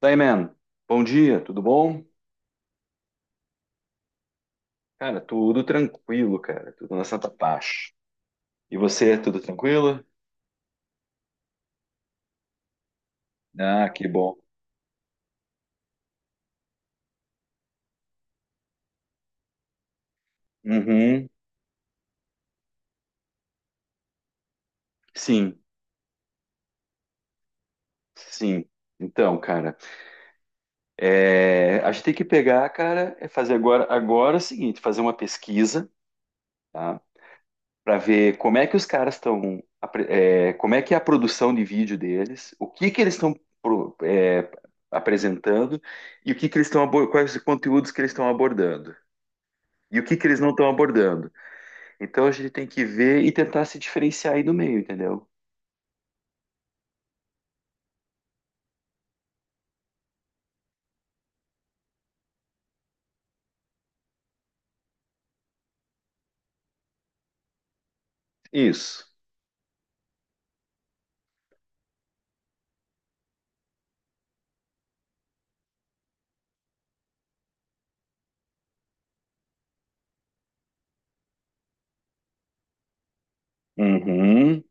Daí, man. Bom dia, tudo bom? Cara, tudo tranquilo, cara. Tudo na santa paz. E você, tudo tranquilo? Ah, que bom. Uhum. Sim, sim. Então, cara, a gente tem que pegar, cara, é fazer agora, agora é o seguinte, fazer uma pesquisa, tá? Para ver como é que os caras estão, como é que é a produção de vídeo deles, o que que eles estão pro- é, apresentando e o que que eles estão, quais conteúdos que eles estão abordando. E o que que eles não estão abordando? Então a gente tem que ver e tentar se diferenciar aí do meio, entendeu? Isso. Uhum.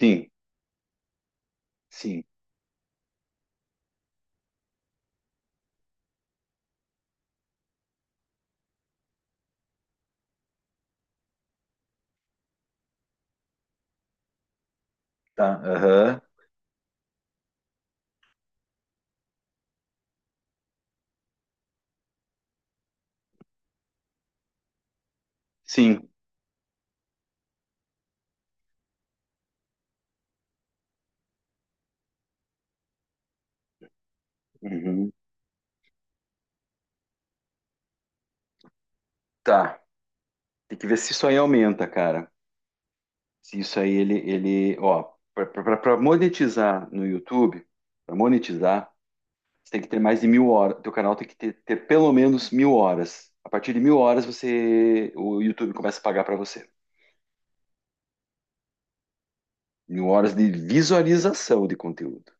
Sim. Sim. Tá. Aham. Sim. Uhum. Tá. Tem que ver se isso aí aumenta, cara. Se isso aí ó, para monetizar no YouTube, para monetizar, você tem que ter mais de mil horas. Teu canal tem que ter pelo menos mil horas. A partir de mil horas você, o YouTube começa a pagar para você. Mil horas de visualização de conteúdo.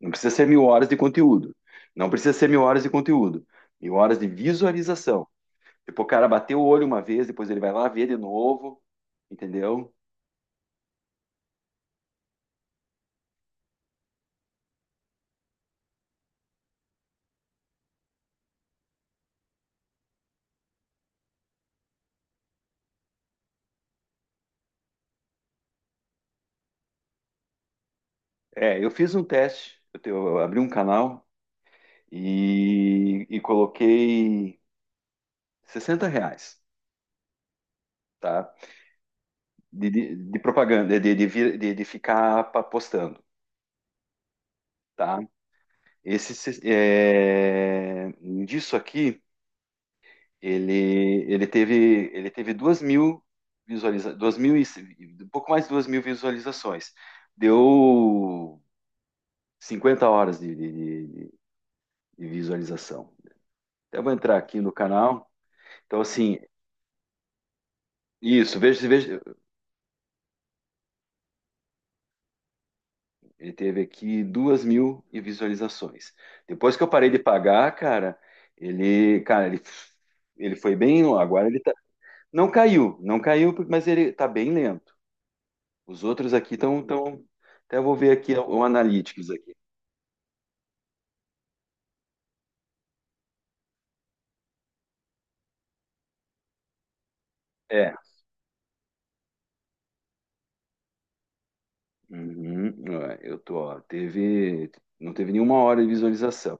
Não precisa ser mil horas de conteúdo. Não precisa ser mil horas de conteúdo. Mil horas de visualização. Tipo, o cara bateu o olho uma vez, depois ele vai lá ver de novo, entendeu? É, eu fiz um teste, eu abri um canal e, coloquei R$ 60, tá? De, de propaganda, de ficar postando, tá? Esse, se- é, disso aqui. Ele, ele teve 2 mil 2 mil um pouco mais de 2 mil visualizações. Deu 50 horas de- de visualização. Então, eu vou entrar aqui no canal. Então, assim, isso, veja, veja, ele teve aqui 2 mil visualizações. Depois que eu parei de pagar, cara, ele, cara, ele, ele foi bem, agora ele tá, não caiu, não caiu, mas ele tá bem lento. Os outros aqui estão. Tão... Até vou ver aqui o Analytics aqui. É. Uhum, ó, eu tô, ó, teve. Não teve nenhuma hora de visualização.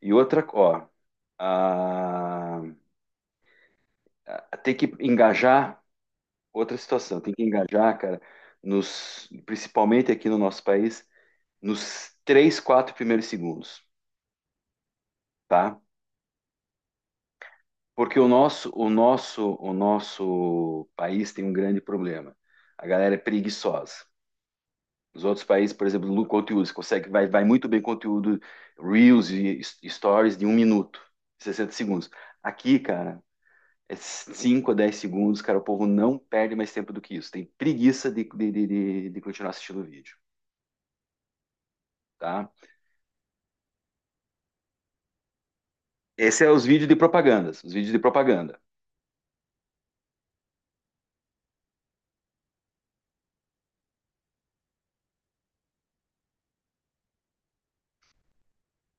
E outra, ó. a- tem que engajar. Outra situação, tem que engajar, cara, nos, principalmente aqui no nosso país, nos 3, 4 primeiros segundos, tá? Porque o nosso país tem um grande problema. A galera é preguiçosa. Os outros países, por exemplo, no conteúdo, você consegue, vai, vai muito bem conteúdo Reels e Stories de um minuto, 60 segundos. Aqui, cara, é 5 a 10 segundos, cara, o povo não perde mais tempo do que isso. Tem preguiça continuar assistindo o vídeo, tá? Esse é os vídeos de propagandas, os vídeos de propaganda.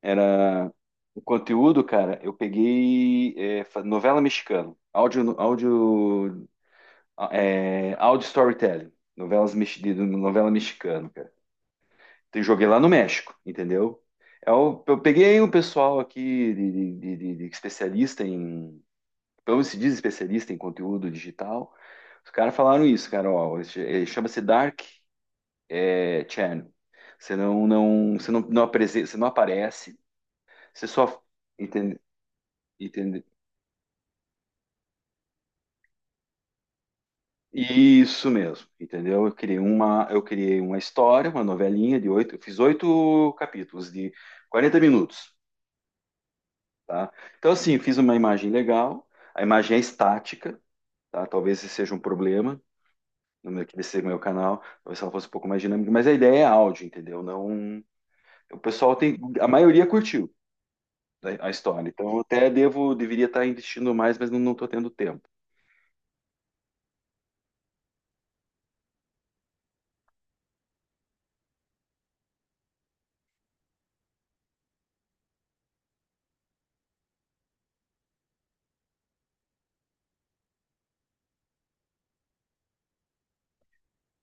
Era o conteúdo, cara, eu peguei é, novela mexicana, áudio, áudio, é, áudio storytelling, novelas, novela mexicana, cara. Joguei lá no México, entendeu? Eu peguei um pessoal aqui de, de especialista em, como se diz especialista em conteúdo digital. Os caras falaram isso, cara, ó, chama-se Dark Channel. Você não, não, você não, você não aparece, você só entende, entende. Isso mesmo, entendeu? Eu criei uma história, uma novelinha de oito, eu fiz 8 capítulos de 40 minutos. Tá? Então, assim, fiz uma imagem legal, a imagem é estática, tá? Talvez esse seja um problema no meu, que desse seja o meu canal, talvez ela fosse um pouco mais dinâmica, mas a ideia é áudio, entendeu? Não, o pessoal tem, a maioria curtiu a história, então eu até devo, deveria estar investindo mais, mas não, não tô tendo tempo.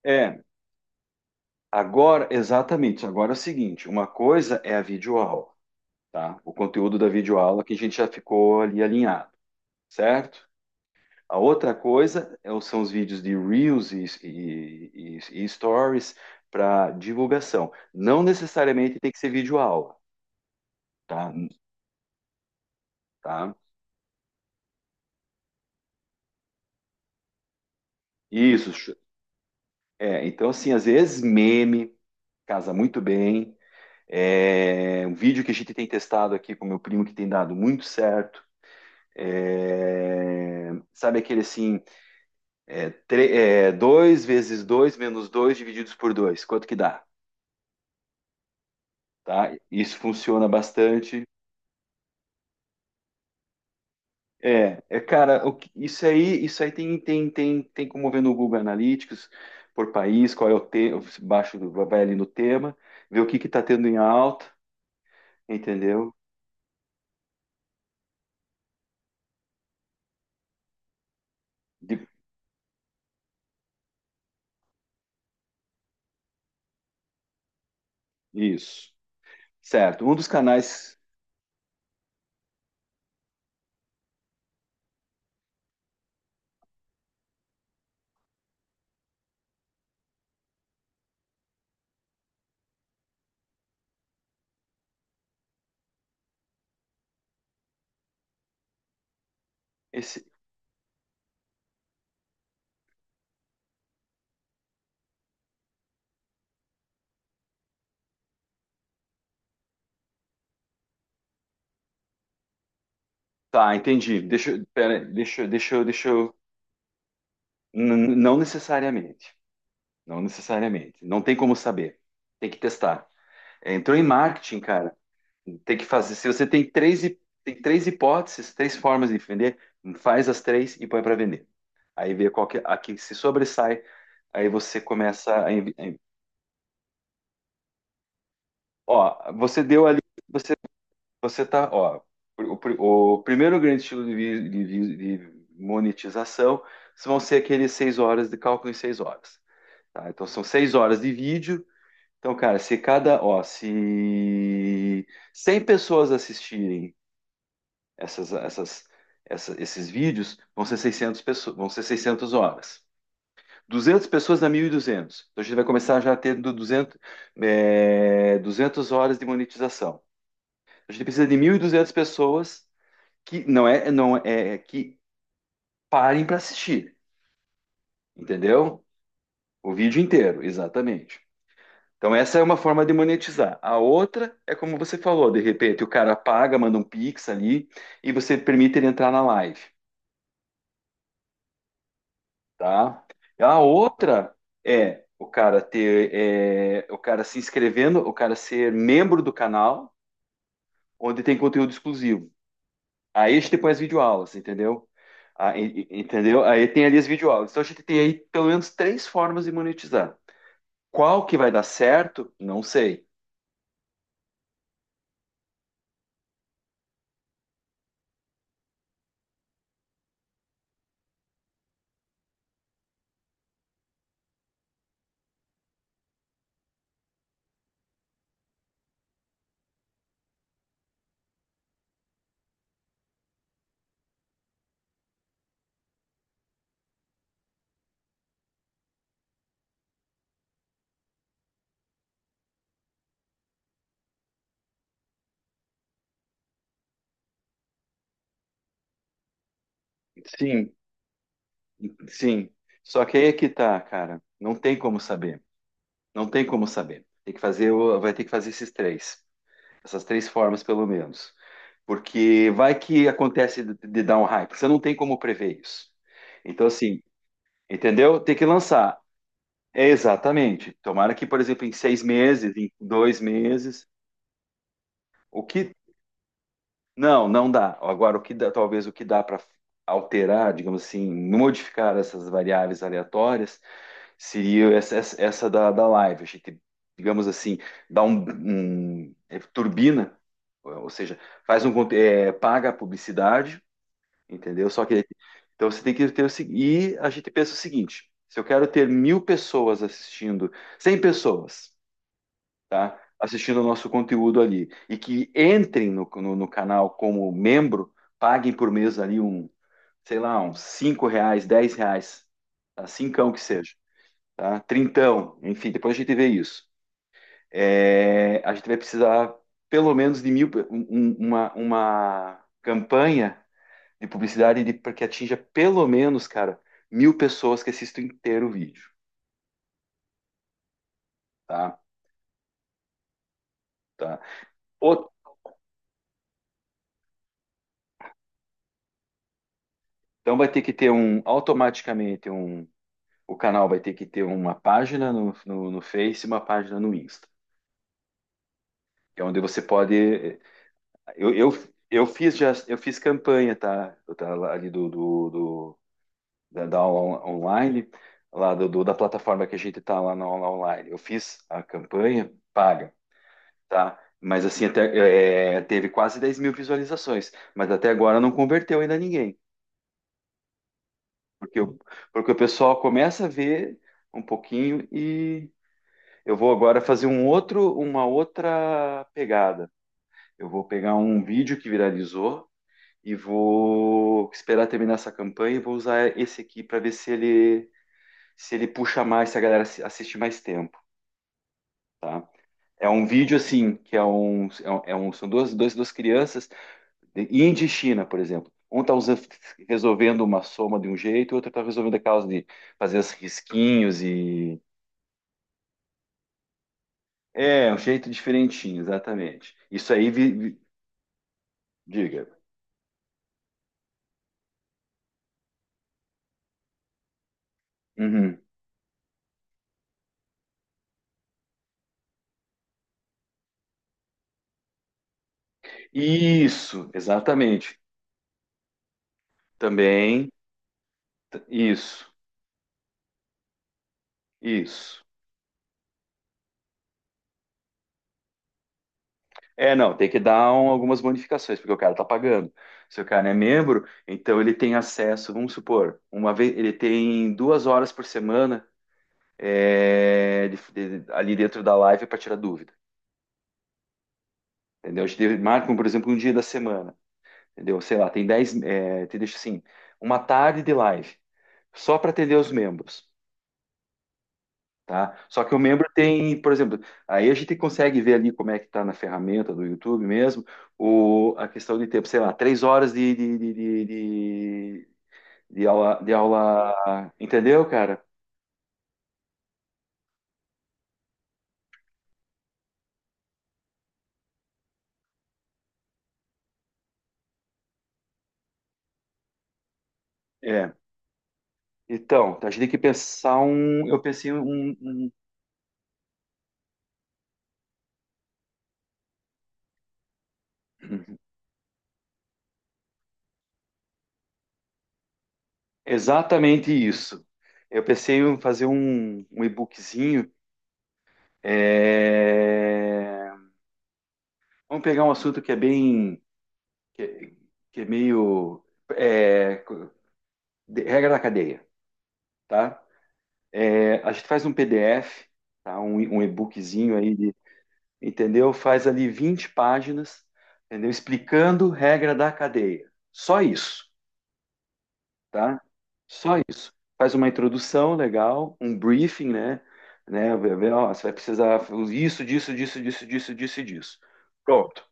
É, agora, exatamente, agora é o seguinte, uma coisa é a videoaula, tá? O conteúdo da videoaula que a gente já ficou ali alinhado, certo? A outra coisa é são os vídeos de Reels e Stories para divulgação. Não necessariamente tem que ser vídeo aula, tá? Tá? Isso. É, então, assim, às vezes meme casa muito bem. É, um vídeo que a gente tem testado aqui com meu primo que tem dado muito certo. É, sabe aquele assim, é, 2 vezes 2 menos 2 divididos por 2. Quanto que dá? Tá? Isso funciona bastante. É, é, cara, isso aí tem como ver no Google Analytics, por país, qual é o tema, baixo, vai ali no tema, ver o que que tá tendo em alta, entendeu? De- isso. Certo. Um dos canais, esse, tá, entendi. Deixa, eu- pera, aí, deixa, eu- deixa, eu- deixa, eu- não necessariamente, não necessariamente. Não tem como saber. Tem que testar. É, entrou em marketing, cara. Tem que fazer. Se você tem tem três hipóteses, três formas de vender, faz as três e põe para vender. Aí vê qual que, a que se sobressai, aí você começa ó, você deu ali, você, você tá, ó, o primeiro grande estilo de monetização vão ser aqueles seis horas de cálculo em seis horas, tá? Então são seis horas de vídeo. Então, cara, se cada, ó, se 100 pessoas assistirem essas, essas, esses vídeos vão ser 600 pessoas, vão ser 600 horas. 200 pessoas dá 1.200. Então a gente vai começar já a ter do 200, é, 200 horas de monetização. A gente precisa de 1.200 pessoas que não é, é que parem para assistir, entendeu? O vídeo inteiro, exatamente. Então essa é uma forma de monetizar. A outra é como você falou, de repente o cara paga, manda um Pix ali e você permite ele entrar na live. Tá? A outra é o cara ter, é, o cara se inscrevendo, o cara ser membro do canal, onde tem conteúdo exclusivo. Aí a gente tem as videoaulas, entendeu? Ah, entendeu? Aí tem ali as videoaulas. Então a gente tem aí pelo menos três formas de monetizar. Qual que vai dar certo? Não sei. Sim, sim. Só que aí é que tá, cara. Não tem como saber. Não tem como saber. Tem que fazer, vai ter que fazer esses três. Essas três formas, pelo menos. Porque vai que acontece de dar um hype. Você não tem como prever isso. Então, assim, entendeu? Tem que lançar. É exatamente. Tomara que, por exemplo, em seis meses, em dois meses, o que não, não dá. Agora, o que dá, talvez o que dá para alterar, digamos assim, modificar essas variáveis aleatórias, seria essa da live. A gente, digamos assim, dá é, turbina, ou seja, faz é, paga a publicidade, entendeu? Só que então você tem que ter o seguinte. E a gente pensa o seguinte: se eu quero ter mil pessoas assistindo, 100 pessoas, tá? Assistindo o nosso conteúdo ali. E que entrem no canal como membro, paguem por mês ali um, sei lá, uns R$ 5, R$ 10, tá? Cincão que seja, tá? Trintão, enfim, depois a gente vê isso. É, a gente vai precisar pelo menos de mil, uma campanha de publicidade de, para que atinja pelo menos, cara, mil pessoas que assistam inteiro o vídeo, tá? Tá. Ou- então vai ter que ter um automaticamente um. O canal vai ter que ter uma página no Face e uma página no Insta, que é onde você pode. Eu, eu, eu fiz já, eu fiz campanha, tá? Eu tá ali da, da aula online, lá da plataforma que a gente tá lá na aula online. Eu fiz a campanha paga, tá? Mas assim, até, é, teve quase 10 mil visualizações, mas até agora não converteu ainda ninguém, porque, porque o pessoal começa a ver um pouquinho. Eu vou agora fazer um outro, uma outra pegada. Eu vou pegar um vídeo que viralizou e vou esperar terminar essa campanha e vou usar esse aqui para ver se ele puxa mais, se a galera assiste mais tempo, tá? É um vídeo assim que é um, são duas crianças de Índia e China, por exemplo. Um está resolvendo uma soma de um jeito, o outro está resolvendo a causa de fazer os risquinhos e é um jeito diferentinho, exatamente. Isso aí vi, diga. Uhum. Isso, exatamente. Também, isso, isso. É, não, tem que dar algumas bonificações, porque o cara tá pagando. Se o cara é membro, então ele tem acesso, vamos supor, uma vez, ele tem 2 horas por semana é, ali dentro da live para tirar dúvida, entendeu? A gente marca, por exemplo, um dia da semana, entendeu? Sei lá, tem dez, é, te deixa assim, uma tarde de live, só para atender os membros. Tá? Só que o membro tem, por exemplo, aí a gente consegue ver ali como é que está na ferramenta do YouTube mesmo, o, a questão de tempo, sei lá, 3 horas de aula, entendeu, cara? É. Então, a gente tem que pensar um, eu pensei exatamente isso. Eu pensei em fazer um e-bookzinho. É, vamos pegar um assunto que é bem, que, que é meio, é, regra da cadeia, tá? É, a gente faz um PDF, tá? Um e-bookzinho aí, de- entendeu? Faz ali 20 páginas, entendeu? Explicando regra da cadeia. Só isso, tá? Só isso. Faz uma introdução legal, um briefing, né? Né? Vê, ó, você vai precisar isso, disso, disso, disso, disso, disso e disso. Pronto.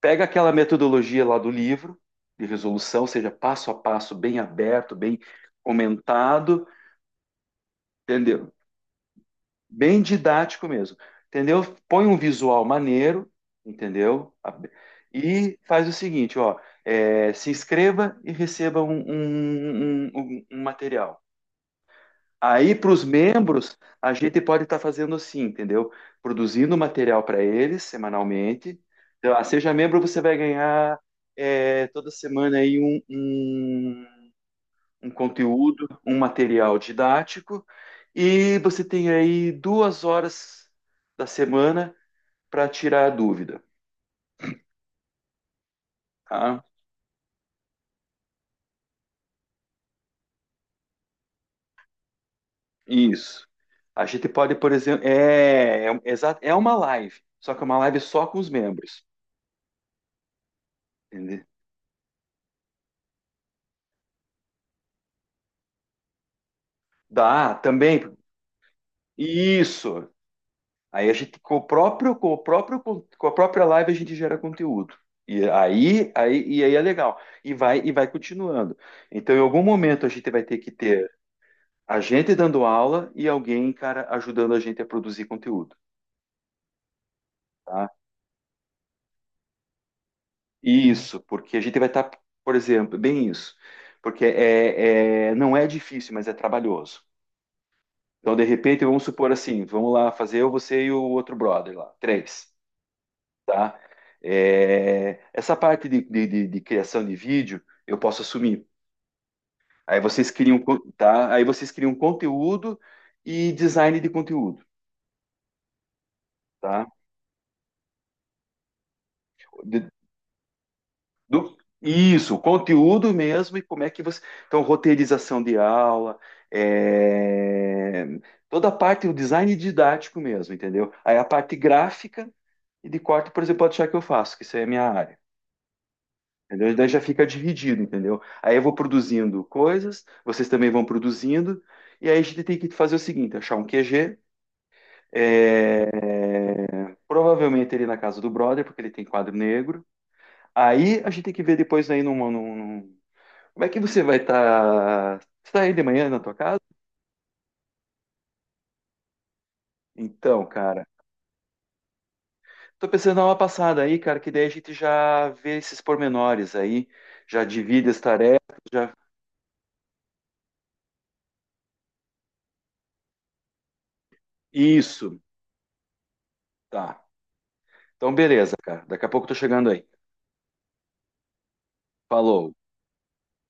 Pega aquela metodologia lá do livro de resolução, ou seja passo a passo, bem aberto, bem comentado, entendeu? Bem didático mesmo, entendeu? Põe um visual maneiro, entendeu? E faz o seguinte, ó, é, se inscreva e receba um material. Aí, para os membros, a gente pode estar fazendo assim, entendeu? Produzindo material para eles semanalmente. Então, ah, seja membro, você vai ganhar é, toda semana aí um conteúdo, um material didático, e você tem aí 2 horas da semana para tirar a dúvida, tá? Isso. A gente pode, por exemplo, é uma live, só que é uma live só com os membros, entendeu? Dá, também, isso. Aí a gente, com o próprio, com a própria live a gente gera conteúdo. E e aí é legal. E e vai continuando. Então, em algum momento a gente vai ter que ter a gente dando aula e alguém, cara, ajudando a gente a produzir conteúdo, tá? E isso, porque a gente vai estar, por exemplo, bem isso, porque é, não é difícil, mas é trabalhoso. Então, de repente, vamos supor assim, vamos lá fazer eu, você e o outro brother lá, três, tá? É, essa parte de criação de vídeo eu posso assumir. Aí vocês criam, tá? Aí vocês criam conteúdo e design de conteúdo, tá? De- Do- isso, o conteúdo mesmo e como é que você. Então, roteirização de aula, é, toda a parte, o design didático mesmo, entendeu? Aí a parte gráfica e de corte, por exemplo, pode achar que eu faço, que isso aí é a minha área. Entendeu? Daí já fica dividido, entendeu? Aí eu vou produzindo coisas, vocês também vão produzindo, e aí a gente tem que fazer o seguinte: achar um QG, é, provavelmente ele na casa do brother, porque ele tem quadro negro. Aí a gente tem que ver depois aí como é que você vai estar? Você tá aí de manhã na tua casa? Então, cara, tô pensando em dar uma passada aí, cara, que daí a gente já vê esses pormenores aí, já divide as tarefas, já. Isso, tá. Então, beleza, cara. Daqui a pouco eu tô chegando aí. Falou.